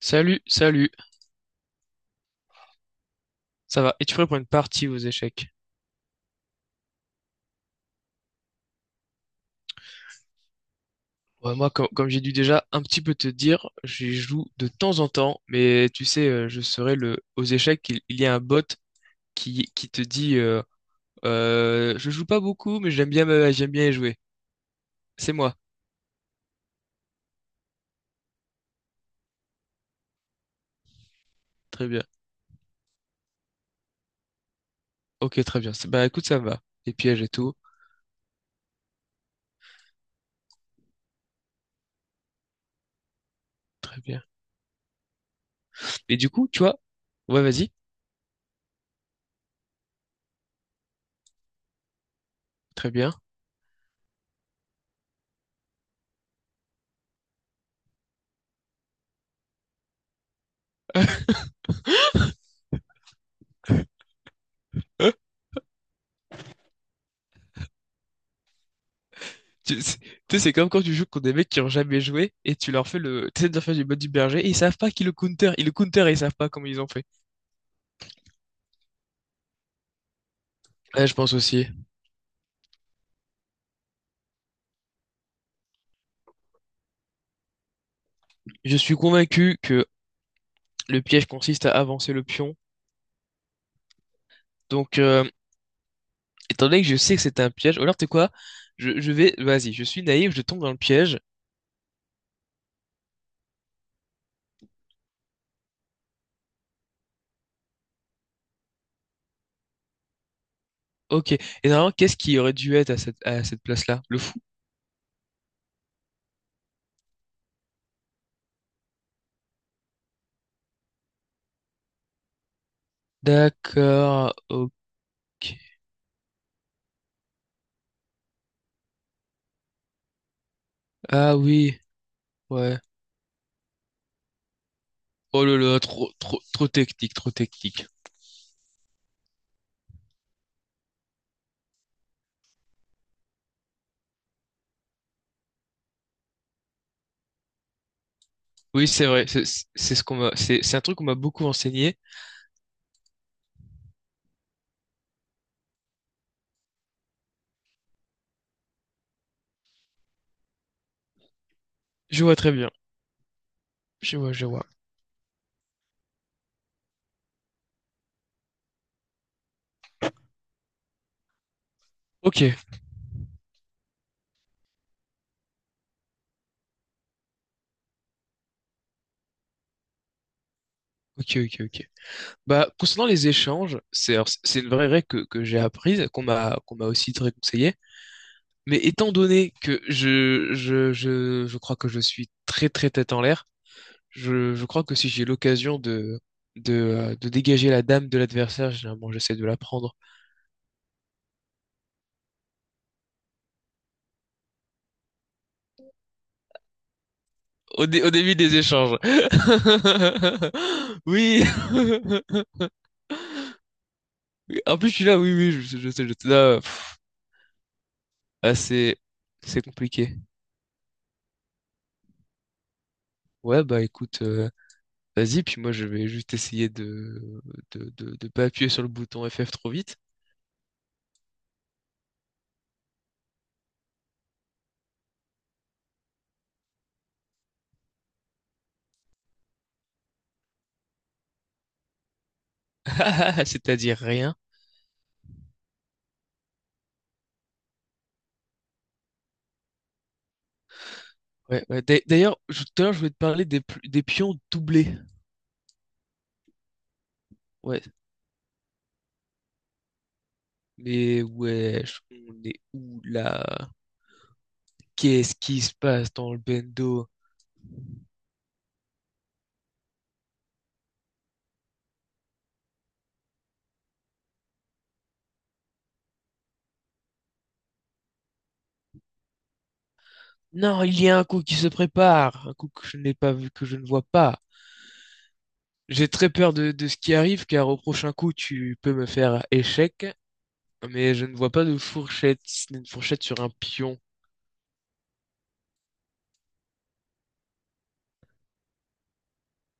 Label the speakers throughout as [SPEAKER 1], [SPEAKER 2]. [SPEAKER 1] Salut, salut. Ça va? Es-tu prêt pour une partie aux échecs? Ouais, moi, comme, j'ai dû déjà un petit peu te dire, j'y joue de temps en temps, mais tu sais, je serai le aux échecs, il y a un bot qui te dit je joue pas beaucoup, mais j'aime bien j'aime bien y jouer. C'est moi. Très bien. Ok, très bien. Bah écoute, ça me va. Les pièges et tout. Très bien. Et du coup, tu vois, ouais, vas-y. Très bien. Tu sais, c'est comme quand tu joues contre des mecs qui ont jamais joué et tu leur fais le. Tu essaies de leur faire du mode du berger et ils savent pas qui le counter. Ils le counter et ils savent pas comment ils ont fait. Ouais, je pense aussi. Je suis convaincu que le piège consiste à avancer le pion. Donc, étant donné que je sais que c'est un piège, ou alors tu sais quoi? Je vais. Vas-y, je suis naïf, je tombe dans le piège. Ok. Et normalement, qu'est-ce qui aurait dû être à à cette place-là? Le fou. D'accord. Ok. Ah oui. Ouais. Oh là là, trop, trop, trop technique, trop technique. Oui, c'est vrai. Ce qu'on m'a, c'est un truc qu'on m'a beaucoup enseigné. Je vois très bien. Je vois, je vois. Ok, ok, ok, ok. Bah, concernant les échanges, c'est une vraie règle que j'ai apprise, qu'on m'a aussi très conseillé. Mais étant donné que je crois que je suis très très tête en l'air, je crois que si j'ai l'occasion de de dégager la dame de l'adversaire, généralement j'essaie de la prendre au début des échanges. Oui. En plus, je suis là, oui, oui, sais, je sais, je sais, là, pff, ah, c'est, c'est compliqué. Ouais, bah écoute, vas-y, puis moi je vais juste essayer de, de pas appuyer sur le bouton FF trop vite, c'est-à-dire rien. Ouais, ouais. D'ailleurs, tout à l'heure, je voulais te parler des, des pions doublés. Ouais, mais ouais, on est où là? Qu'est-ce qui se passe dans le bendo? Non, il y a un coup qui se prépare, un coup que je n'ai pas vu, que je ne vois pas. J'ai très peur de ce qui arrive, car au prochain coup, tu peux me faire échec, mais je ne vois pas de fourchette, si ce n'est une fourchette sur un pion.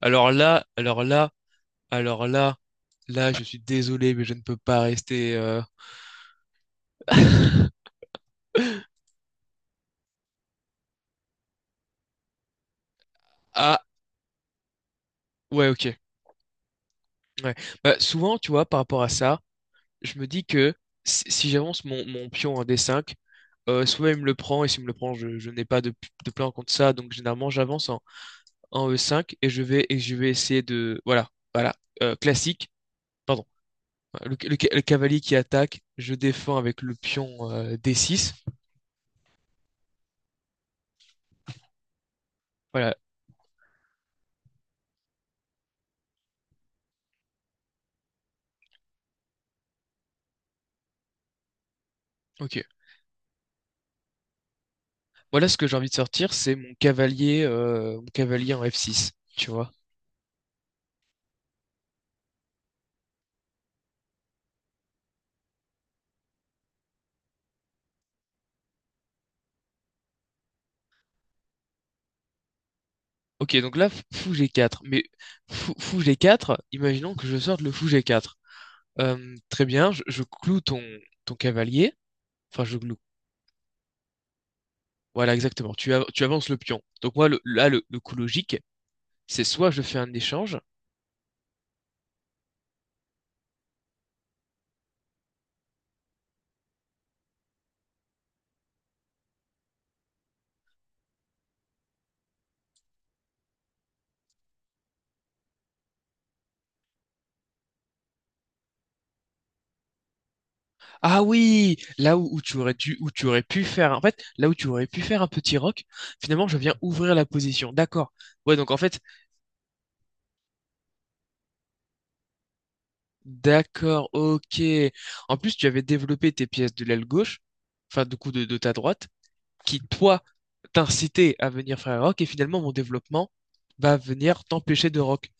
[SPEAKER 1] Alors là, alors là, alors là, là, je suis désolé, mais je ne peux pas rester. Ah, ouais, ok. Ouais. Bah, souvent, tu vois, par rapport à ça, je me dis que si j'avance mon, mon pion en d5, soit il me le prend, et s'il me le prend, je n'ai pas de, de plan contre ça, donc généralement, j'avance en E5 et je vais essayer de. Voilà, voilà. Classique, pardon. Voilà, le cavalier qui attaque, je défends avec le pion D6. Voilà, ok. Voilà ce que j'ai envie de sortir, c'est mon cavalier en F6, tu vois. Ok, donc là, fou G4. Mais fou G4, imaginons que je sorte le fou G4. Très bien, je cloue ton, ton cavalier. Enfin, je cloue. Voilà, exactement. Tu avances le pion. Donc moi, le coup logique, c'est soit je fais un échange, Ah oui, où tu aurais dû, où tu aurais pu faire, en fait, là où tu aurais pu faire un petit rock, finalement, je viens ouvrir la position. D'accord. Ouais, donc en fait, d'accord, ok. En plus, tu avais développé tes pièces de l'aile gauche, enfin, du coup, de ta droite, qui, toi, t'incitaient à venir faire un rock, et finalement, mon développement va venir t'empêcher de rock.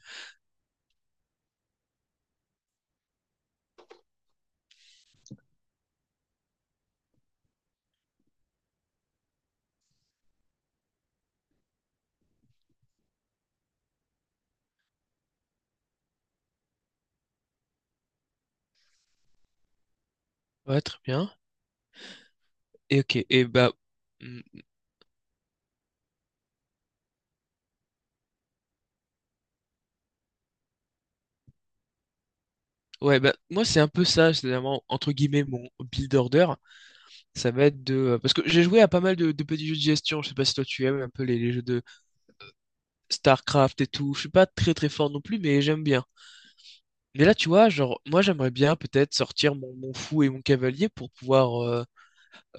[SPEAKER 1] Ouais, très bien. Et ok, et bah, hmm, ouais, bah, moi, c'est un peu ça, c'est vraiment, entre guillemets, mon build order. Ça va être de... Parce que j'ai joué à pas mal de petits jeux de gestion. Je sais pas si toi tu aimes un peu les jeux de StarCraft et tout. Je suis pas très très fort non plus, mais j'aime bien. Mais là, tu vois, genre, moi j'aimerais bien peut-être sortir mon, mon fou et mon cavalier pour pouvoir euh,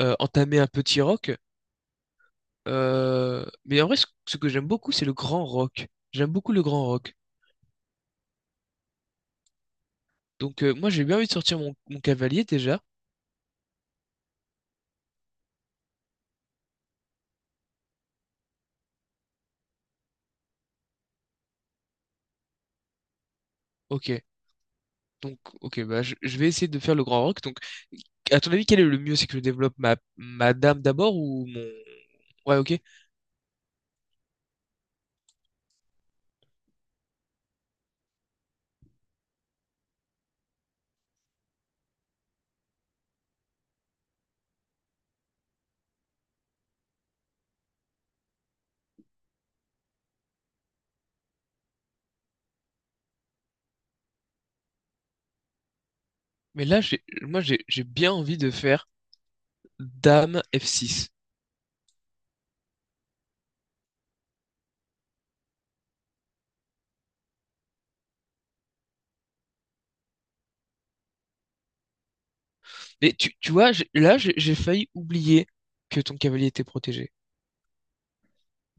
[SPEAKER 1] euh, entamer un petit rock. Mais en vrai, ce que j'aime beaucoup, c'est le grand rock. J'aime beaucoup le grand rock. Donc moi j'ai bien envie de sortir mon, mon cavalier déjà. Ok. Donc, ok, bah, je vais essayer de faire le grand rock. Donc, à ton avis, quel est le mieux? C'est que je développe ma, ma dame d'abord ou mon... Ouais, ok. Mais là, j'ai bien envie de faire Dame F6. Mais tu vois, j'ai- là, j'ai failli oublier que ton cavalier était protégé.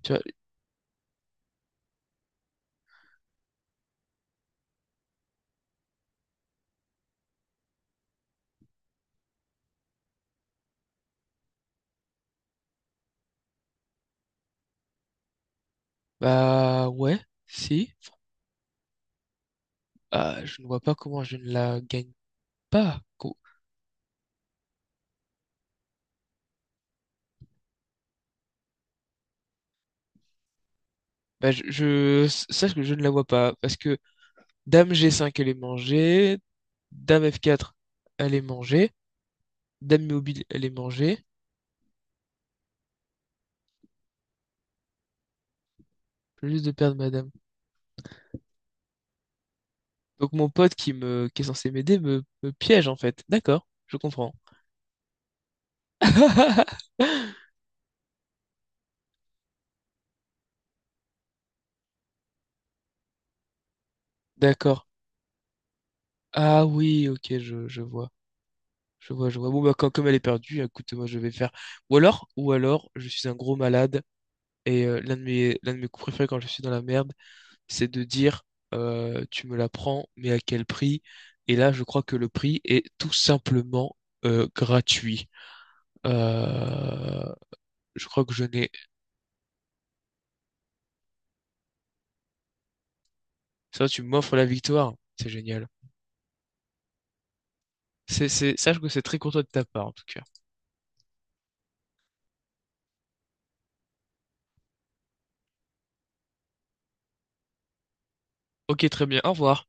[SPEAKER 1] Tu vois, bah ouais, si. Ah, je ne vois pas comment je ne la gagne pas. Bah, sache que je ne la vois pas. Parce que Dame G5, elle est mangée. Dame F4, elle est mangée. Dame mobile, elle est mangée. Je viens juste de perdre ma dame. Donc mon pote qui me, qui est censé m'aider me piège en fait. D'accord, je comprends. D'accord. Ah oui, ok, je vois. Je vois, je vois. Bon, bah, comme elle est perdue, écoute, moi, je vais faire. Ou alors, je suis un gros malade et l'un de mes coups préférés quand je suis dans la merde, c'est de dire tu me la prends, mais à quel prix? Et là, je crois que le prix est tout simplement gratuit. Euh, je crois que je n'ai. Ça, tu m'offres la victoire. C'est génial. C'est... Sache que c'est très content de ta part, en tout cas. Ok, très bien, au revoir.